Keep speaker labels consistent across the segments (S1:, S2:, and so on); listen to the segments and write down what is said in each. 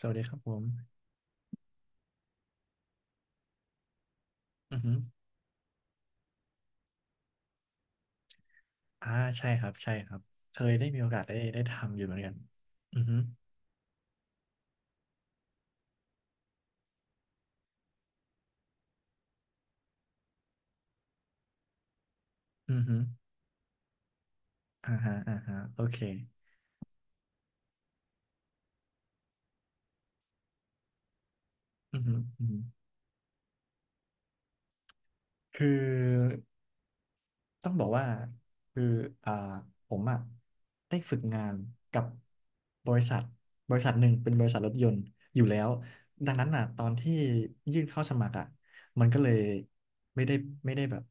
S1: สวัสดีครับผมอือฮึอ่าใช่ครับใช่ครับเคยได้มีโอกาสได้ทำอยู่เหมือนกันอือฮึอือฮึอ่าฮะอ่าฮะโอเคอือฮึอือฮึคือ ต้องบอกว่าคืออ่าผมอ่ะได้ฝึกงานกับบริษัทบริษัทหนึ่งเป็นบริษัทรถยนต์อยู่แล้วดังนั้นอ่ะตอนที่ยื่นเข้าสมัครอ่ะมันก็เลยไม่ได้ไม่ได้แบบ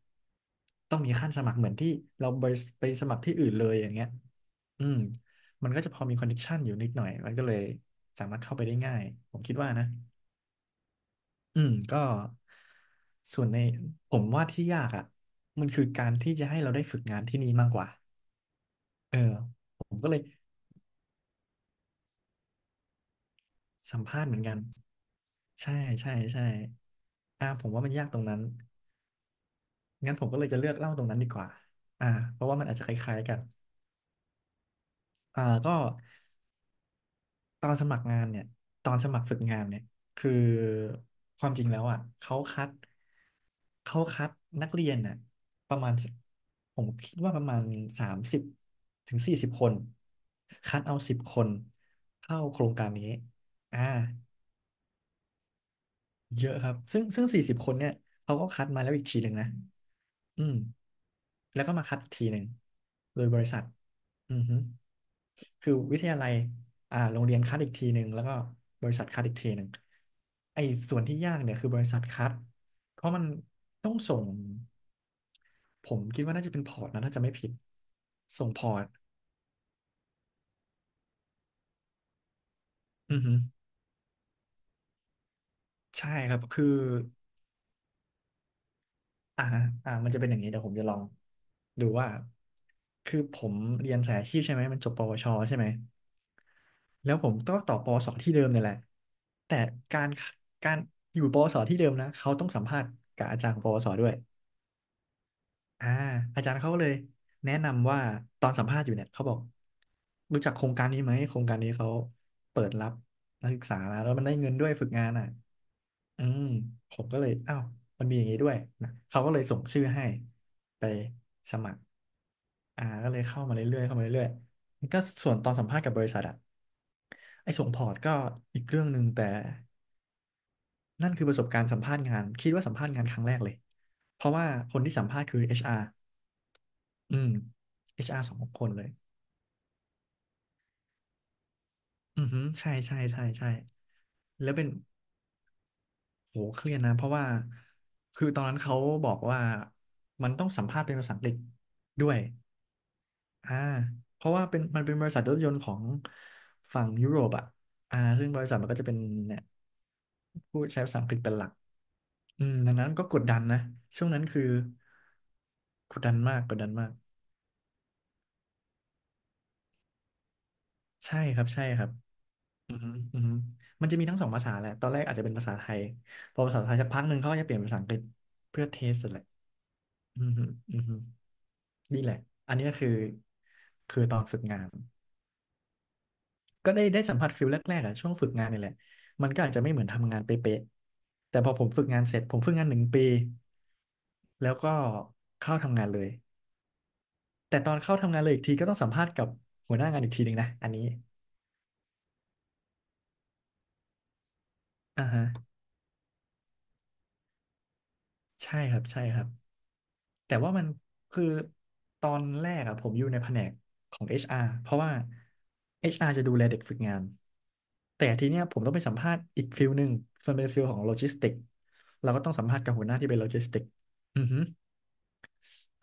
S1: ต้องมีขั้นสมัครเหมือนที่เราไปสมัครที่อื่นเลยอย่างเงี้ยอืมมันก็จะพอมีคอนเนคชั่นอยู่นิดหน่อยมันก็เลยสามารถเข้าไปได้ง่ายผมคิดว่านะ อืมก็ส่วนในผมว่าที่ยากอ่ะมันคือการที่จะให้เราได้ฝึกงานที่นี่มากกว่าเออผมก็เลยสัมภาษณ์เหมือนกันใช่ใช่ใช่อ่าผมว่ามันยากตรงนั้นงั้นผมก็เลยจะเลือกเล่าตรงนั้นดีกว่าอ่าเพราะว่ามันอาจจะคล้ายๆกันอ่าก็ ตอนสมัครงานเนี่ย ตอนสมัครฝึกงานเนี่ยคือความจริงแล้วอ่ะ เขาคัดนักเรียนน่ะประมาณผมคิดว่าประมาณ30ถึงสี่สิบคน คัดเอา10 คนเข้าโครงการนี้อ่าเยอะครับ ซึ่ง40 คนเนี่ยเขาก็คัดมาแล้วอีกทีหนึ่งนะ อืมแล้วก็มาคัดอีกทีหนึ่งโดยบริษัทอือฮึคือวิทยาลัยอ่าโรงเรียนคัดอีกทีหนึ่งแล้วก็บริษัทคัดอีกทีหนึ่งไอ้ส่วนที่ยากเนี่ยคือบริษัทคัดเพราะมันต้องส่งผมคิดว่าน่าจะเป็นพอร์ตนะถ้าจะไม่ผิดส่งพอร์ตอือฮึใช่ครับคืออ่ามันจะเป็นอย่างนี้เดี๋ยวผมจะลองดูว่าคือผมเรียนสายอาชีพใช่ไหมมันจบปวชใช่ไหม แล้วผมก็ต่อปอสอที่เดิมนี่แหละแต่การการอยู่ปวสอที่เดิมนะเขาต้องสัมภาษณ์กับอาจารย์ของปวสอด้วยอ่าอาจารย์เขาก็เลยแนะนำว่าตอนสัมภาษณ์อยู่เนี่ยเขาบอกรู้จักโครงการนี้ไหมโครงการนี้เขาเปิดรับนักศึกษานะแล้วมันได้เงินด้วยฝึกงานอ่ะอืมผมก็เลยอ้าวมันมีอย่างนี้ด้วยนะเขาก็เลยส่งชื่อให้ไปสมัครอ่าก็เลยเข้ามาเรื่อยๆเข้ามาเรื่อยๆก็ส่วนตอนสัมภาษณ์กับบริษัทอะ ไอ้ส่งพอร์ตก็อีกเรื่องหนึ่งแต่นั่นคือประสบการณ์สัมภาษณ์งานคิดว่าสัมภาษณ์งานครั้งแรกเลยเพราะว่าคนที่สัมภาษณ์คือ HR อชอาร์อืม HR สองคนเลยอือฮึใช่ใช่ใช่ใช่แล้วเป็นโหเครียดนะเพราะว่าคือตอนนั้นเขาบอกว่ามันต้องสัมภาษณ์เป็นภาษาอังกฤษด้วยอ่าเพราะว่าเป็นมันเป็นบริษัทรถยนต์ของฝั่งยุโรปอ่ะอ่าซึ่งบริษัทมันก็จะเป็นเนี่ยพูดใช้ภาษาอังกฤษเป็นหลัก อืมดังนั้นก็กดดันนะ ช่วงนั้นคือกดดันมากกดดันมาก ใช่ครับใช่ครับอือฮึอือฮึมันจะมีทั้งสองภาษาแหละตอนแรกอาจจะเป็นภาษาไทย พอภาษาไทยสักพักหนึ่งเขาก็จะเปลี่ยนเป็นภาษาอังกฤษเพื่อเทสแหละอือฮึอือฮึนี่แหละ อันนี้ก็คือ คือตอนฝึกงาน ก็ได้สัมผัสฟิลแรกๆอะช่วงฝึกงานนี่แหละมันก็อาจจะไม่เหมือนทำงานเป๊ะๆแต่พอผมฝึกงานเสร็จผมฝึกงาน1 ปีแล้วก็เข้าทำงานเลย แต่ตอนเข้าทำงานเลยอีกทีก็ต้องสัมภาษณ์กับหัวหน้างานอีกทีหนึ่งนะอันนี้อ่าฮะใช่ครับใช่ครับแต่ว่ามันคือตอนแรกอะผมอยู่ในแผนกของ HR เพราะว่า HR จะดูแลเด็กฝึกงานแต่ทีเนี้ยผมต้องไปสัมภาษณ์อีกฟิลหนึ่งส่วนเป็นฟิลของโลจิสติกเราก็ต้องสัมภาษณ์กับหัวหน้าที่เป็นโลจิสติกอือฮึ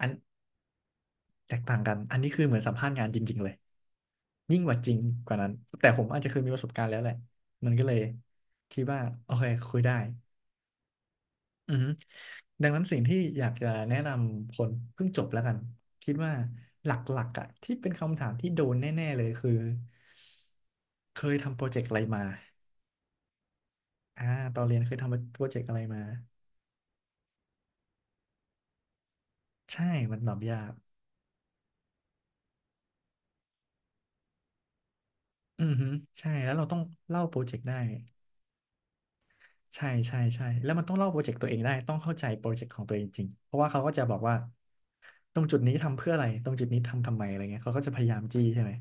S1: อันแตกต่างกันอันนี้คือเหมือนสัมภาษณ์งานจริงๆเลยยิ่งกว่าจริงกว่านั้นแต่ผมอาจจะเคยมีประสบการณ์แล้วแหละมันก็เลยคิดว่าโอเคคุยได้ อือฮึดังนั้นสิ่งที่อยากจะแนะนำคนเพิ่งจบแล้วกันคิดว่าหลักๆอ่ะที่เป็นคำถามที่โดนแน่ๆเลยคือเคยทำโปรเจกต์อะไรมาอ่าตอนเรียนเคยทำโปรเจกต์อะไรมาใช่มันตอบยากอือฮึใช่แล้วเราต้องเล่าโปรเจกต์ได้ใช่ใช่ใช่แล้วมันต้องเล่าโปรเจกต์ตัวเองได้ต้องเข้าใจโปรเจกต์ของตัวเองจริงเพราะว่าเขาก็จะบอกว่าตรงจุดนี้ทำเพื่ออะไรตรงจุดนี้ทำทำไมอะไรเงี้ยเขาก็จะพยายามจี้ใช่ไหม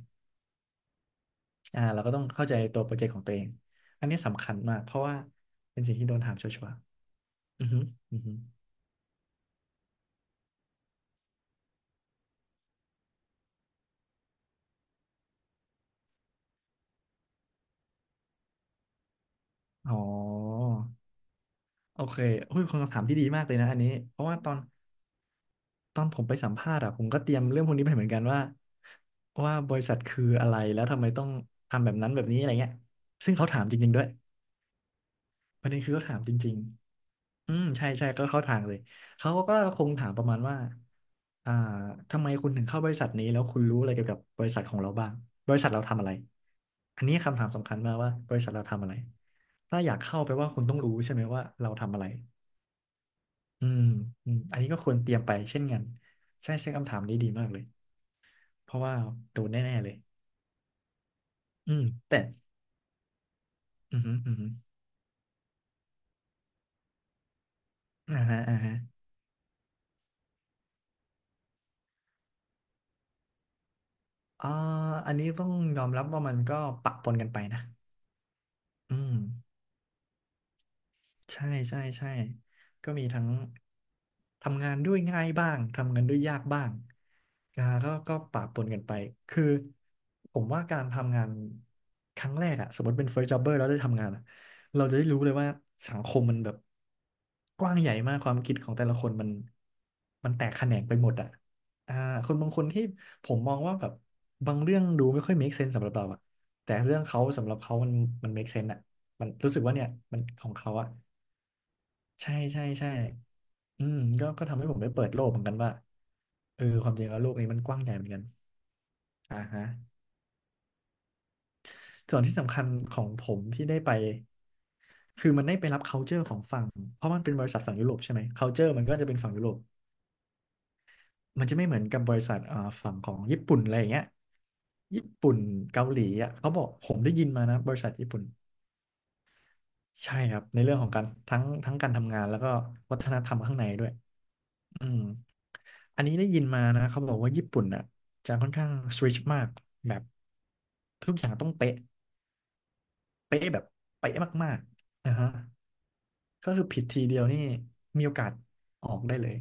S1: อ่าเราก็ต้องเข้าใจตัวโปรเจกต์ของตัวเองอันนี้สำคัญมากเพราะว่าเป็นสิ่งที่โดนถามชัวร์ๆอือฮึอือฮึอ๋อโอเคเฮ้ยคนคำถามที่ดีมากเลยนะอันนี้เพราะว่าตอนผมไปสัมภาษณ์อะผมก็เตรียมเรื่องพวกนี้ไปเหมือนกันว่าบริษัทคืออะไรแล้วทำไมต้องทำแบบนั้นแบบนี้อะไรเงี้ยซึ่งเขาถามจริงๆด้วย ประเด็นคือเขาถามจริงๆอืมใช่ใช่ก็เข้าทางเลยเขาก็คงถามประมาณว่าอ่าทำไมคุณถึงเข้าบริษัทนี้แล้วคุณรู้อะไรเกี่ยวกับบริษัทของเราบ้างบริษัทเราทำอะไรอันนี้คำถามสำคัญมากว่าบริษัทเราทำอะไรถ้าอยากเข้าไปลว่าคุณต้องรู้ใช่ไหมว่าเราทำอะไรอืมอืมอันนี้ก็ควรเตรียมไปเช่นกันใช่ใช่คำถามนี้ดีมากเลยเพราะว่าโดนแน่ๆเลยอืมแต่อือหืออือหืออ่าฮะอ่าฮะอ่าอันนี้ต้องยอมรับว่ามันก็ปะปนกันไปนะอืม ใช่ใช่ใช่ก็มีทั้งทำงานด้วยง่ายบ้าง ทำงานด้วยยากบ้าง ก็ปะปนกันไป คือผมว่าการทำงานครั้งแรกอะ สมมติเป็น first jobber แล้วได้ทำงานอะเราจะได้รู้เลยว่าสังคมมันแบบกว้างใหญ่มากความคิดของแต่ละคนมันแตกแขนงไปหมดอะอ่าคนบางคนที่ผมมองว่าแบบบางเรื่องดูไม่ค่อย make sense สำหรับเราอะแต่เรื่องเขาสำหรับเขามัน make sense อะมันรู้สึกว่าเนี่ยมันของเขาอะ ใช่ใช่ใช่อืมก็ทำให้ผมได้เปิดโลกเหมือนกันว่าเออความจริงแล้วโลกนี้มันกว้างใหญ่เหมือนกันอ่าฮะส่วนที่สำคัญของผมที่ได้ไปคือมันได้ไปรับ culture ของฝั่งเพราะมันเป็นบริษัทฝั่งยุโรปใช่ไหม culture มันก็จะเป็นฝั่งยุโรปมันจะไม่เหมือนกับบริษัทอ่าฝั่งของญี่ปุ่นอะไรอย่างเงี้ยญี่ปุ่นเกาหลีอ่ะเขาบอกผมได้ยินมานะบริษัทญี่ปุ่นใช่ครับในเรื่องของการทั้งการทำงานแล้วก็วัฒนธรรมข้างในด้วย อืมอันนี้ได้ยินมานะเขาบอกว่าญี่ปุ่นอ่ะจะค่อนข้างสตริกมากแบบทุกอย่างต้องเป๊ะเป๊ะแบบเป๊ะมากๆนะฮะก็คือผิดทีเดียวนี่มีโอกาสออกได้เลย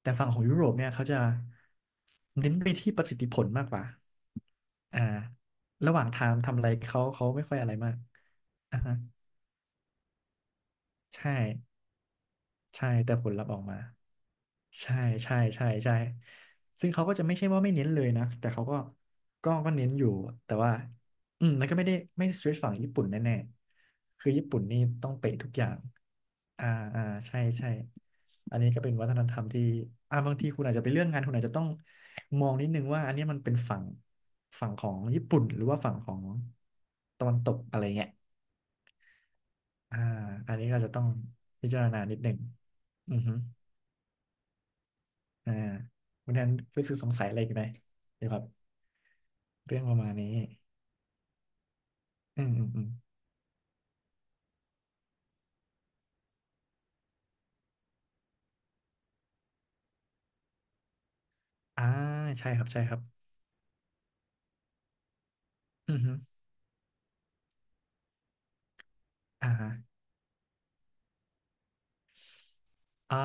S1: แต่ฝั่งของยุโรปเนี่ยเขาจะเน้นไปที่ประสิทธิผลมากกว่าอ่าระหว่างทางทำอะไรเขาไม่ค่อยอะไรมากอ่าฮะใช่ ใช่แต่ผลลัพธ์ออกมาใช่ใช่ใช่ใช่ซึ่งเขาก็จะไม่ใช่ว่าไม่เน้นเลยนะแต่เขาก็ก็เน้นอยู่แต่ว่าอืมแล้วก็ไม่ได้ไม่สตรีทฝั่งญี่ปุ่นแน่ๆคือญี่ปุ่นนี่ต้องเป๊ะทุกอย่างอ่าอ่าใช่ใช่อันนี้ก็เป็นวัฒนธรรมที่อ่าบางทีคุณอาจจะไปเรื่องงานคุณอาจจะต้องมองนิดนึงว่าอันนี้มันเป็นฝั่งของญี่ปุ่นหรือว่าฝั่งของตะวันตกอะไรเงี้ยอ่าอันนี้ก็จะต้องพิจารณานิดหนึ่งอือฮึ อ่าคุณแทนรู้สึกสงสัยอะไรอีกไหมเกี่ยวกับเรื่องประมาณนี้อืมอ่าใช่ครับใช่ครับอือฮึอ่าฮะอ่า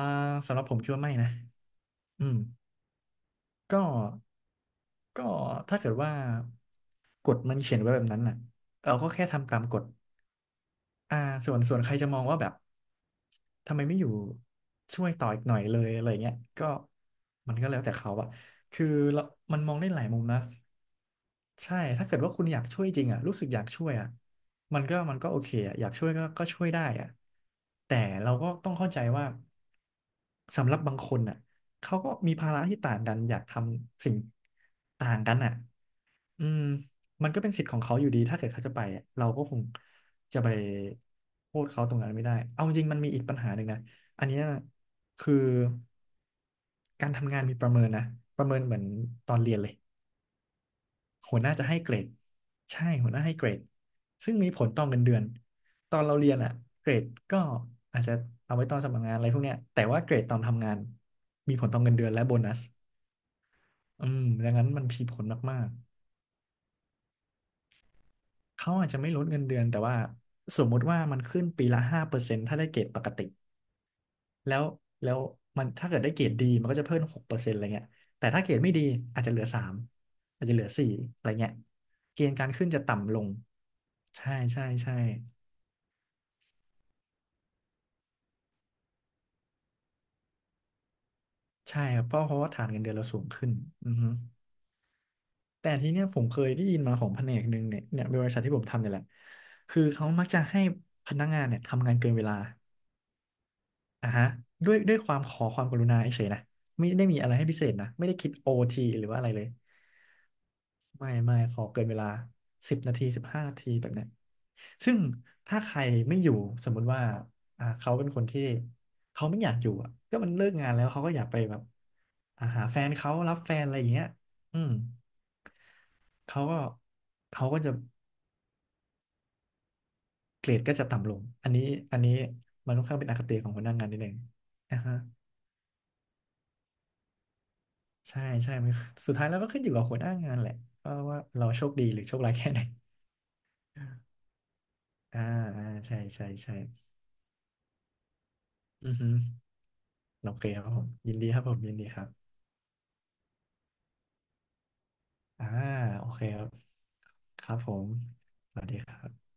S1: สำหรับผมคิดว่าไม่นะอืมก็ก็ถ้าเกิดว่ากฎมันเขียนไว้แบบนั้นน่ะเราก็แค่ทำตามกฎอ่าส่วนใครจะมองว่าแบบทำไมไม่อยู่ช่วยต่ออีกหน่อยเลยอะไรเงี้ยก็มันก็แล้วแต่เขาอะคือเรามันมองได้หลายมุมนะ ใช่ถ้าเกิดว่าคุณอยากช่วยจริงอ่ะรู้สึกอยากช่วยอ่ะมันก็โอเคอ่ะอยากช่วยก็ช่วยได้อ่ะแต่เราก็ต้องเข้าใจว่าสำหรับบางคนอ่ะเขาก็มีภาระที่ต่างกันอยากทำสิ่งต่างกันอ่ะอืมมันก็เป็นสิทธิ์ของเขาอยู่ดีถ้าเกิดเขาจะไปอะเราก็คงจะไปโทษเขาตรงนั้นไม่ได้เอาจริงมันมีอีกปัญหาหนึ่งนะอันเนี้ยคือการทำงานมีประเมินนะประเมินเหมือนตอนเรียนเลย หัวหน้าจะให้เกรดใช่หัวหน้าให้เกรดซึ่งมีผลต่อเงินเดือน ตอนเราเรียนอะเกรดก็อาจจะเอาไว้ตอนสมัครงานอะไรพวกเนี้ยแต่ว่าเกรดตอนทำงานมีผลต่อเงินเดือนและโบนัสอืมดังนั้นมันมีผลมากๆเขาอาจจะไม่ลดเงินเดือนแต่ว่าสมมุติว่ามันขึ้นปีละ5%ถ้าได้เกรดปกติแล้วแล้วมันถ้าเกิดได้เกรดดีมันก็จะเพิ่ม6%อะไรเงี้ยแต่ถ้าเกรดไม่ดีอาจจะเหลือสามอาจจะเหลือสี่อะไรเงี้ยเกณฑ์การขึ้นจะต่ำลงใช่ใช่ใช่ ใช่ครับเพราะว่าฐานเงินเดือนเราสูงขึ้นอือฮึแต่ทีเนี้ยผมเคยได้ยินมาของแผนกหนึ่งเนี่ยเนี่ยบริษัทที่ผมทำเนี่ยแหละคือเขามักจะให้พนักงานเนี่ยทำงานเกินเวลาอ่ะฮะด้วยความขอความกรุณาเฉยๆนะไม่ได้มีอะไรให้พิเศษนะไม่ได้คิดโอทีหรือว่าอะไรเลย ไม่ขอเกินเวลา10 นาที15 นาทีแบบเนี้ยซึ่งถ้าใครไม่อยู่สมมุติว่าอ่าเขาเป็นคนที่เขาไม่อยากอยู่อ่ะก็มันเลิกงานแล้วเขาก็อยากไปแบบอ่าหาแฟนเขารับแฟนอะไรอย่างเงี้ยอืมเขาก็เขาก็จะเกรดก็จะต่ำลงอันนี้อันนี้มันค่อนข้างเป็นอคติของหัวหน้างานนิดนึงนะฮะใช่ใช่มันสุดท้ายแล้วก็ขึ้นอยู่กับหัวหน้างานแหละว่าเราโชคดีหรือโชคร้ายแค่ไหนอ่าอ่าใช่ใช่ใช่อือฮึ โอเคครับผมยินดีครับผมยินดีครับอ่าโอเคครับครับผมสวัสดีครับ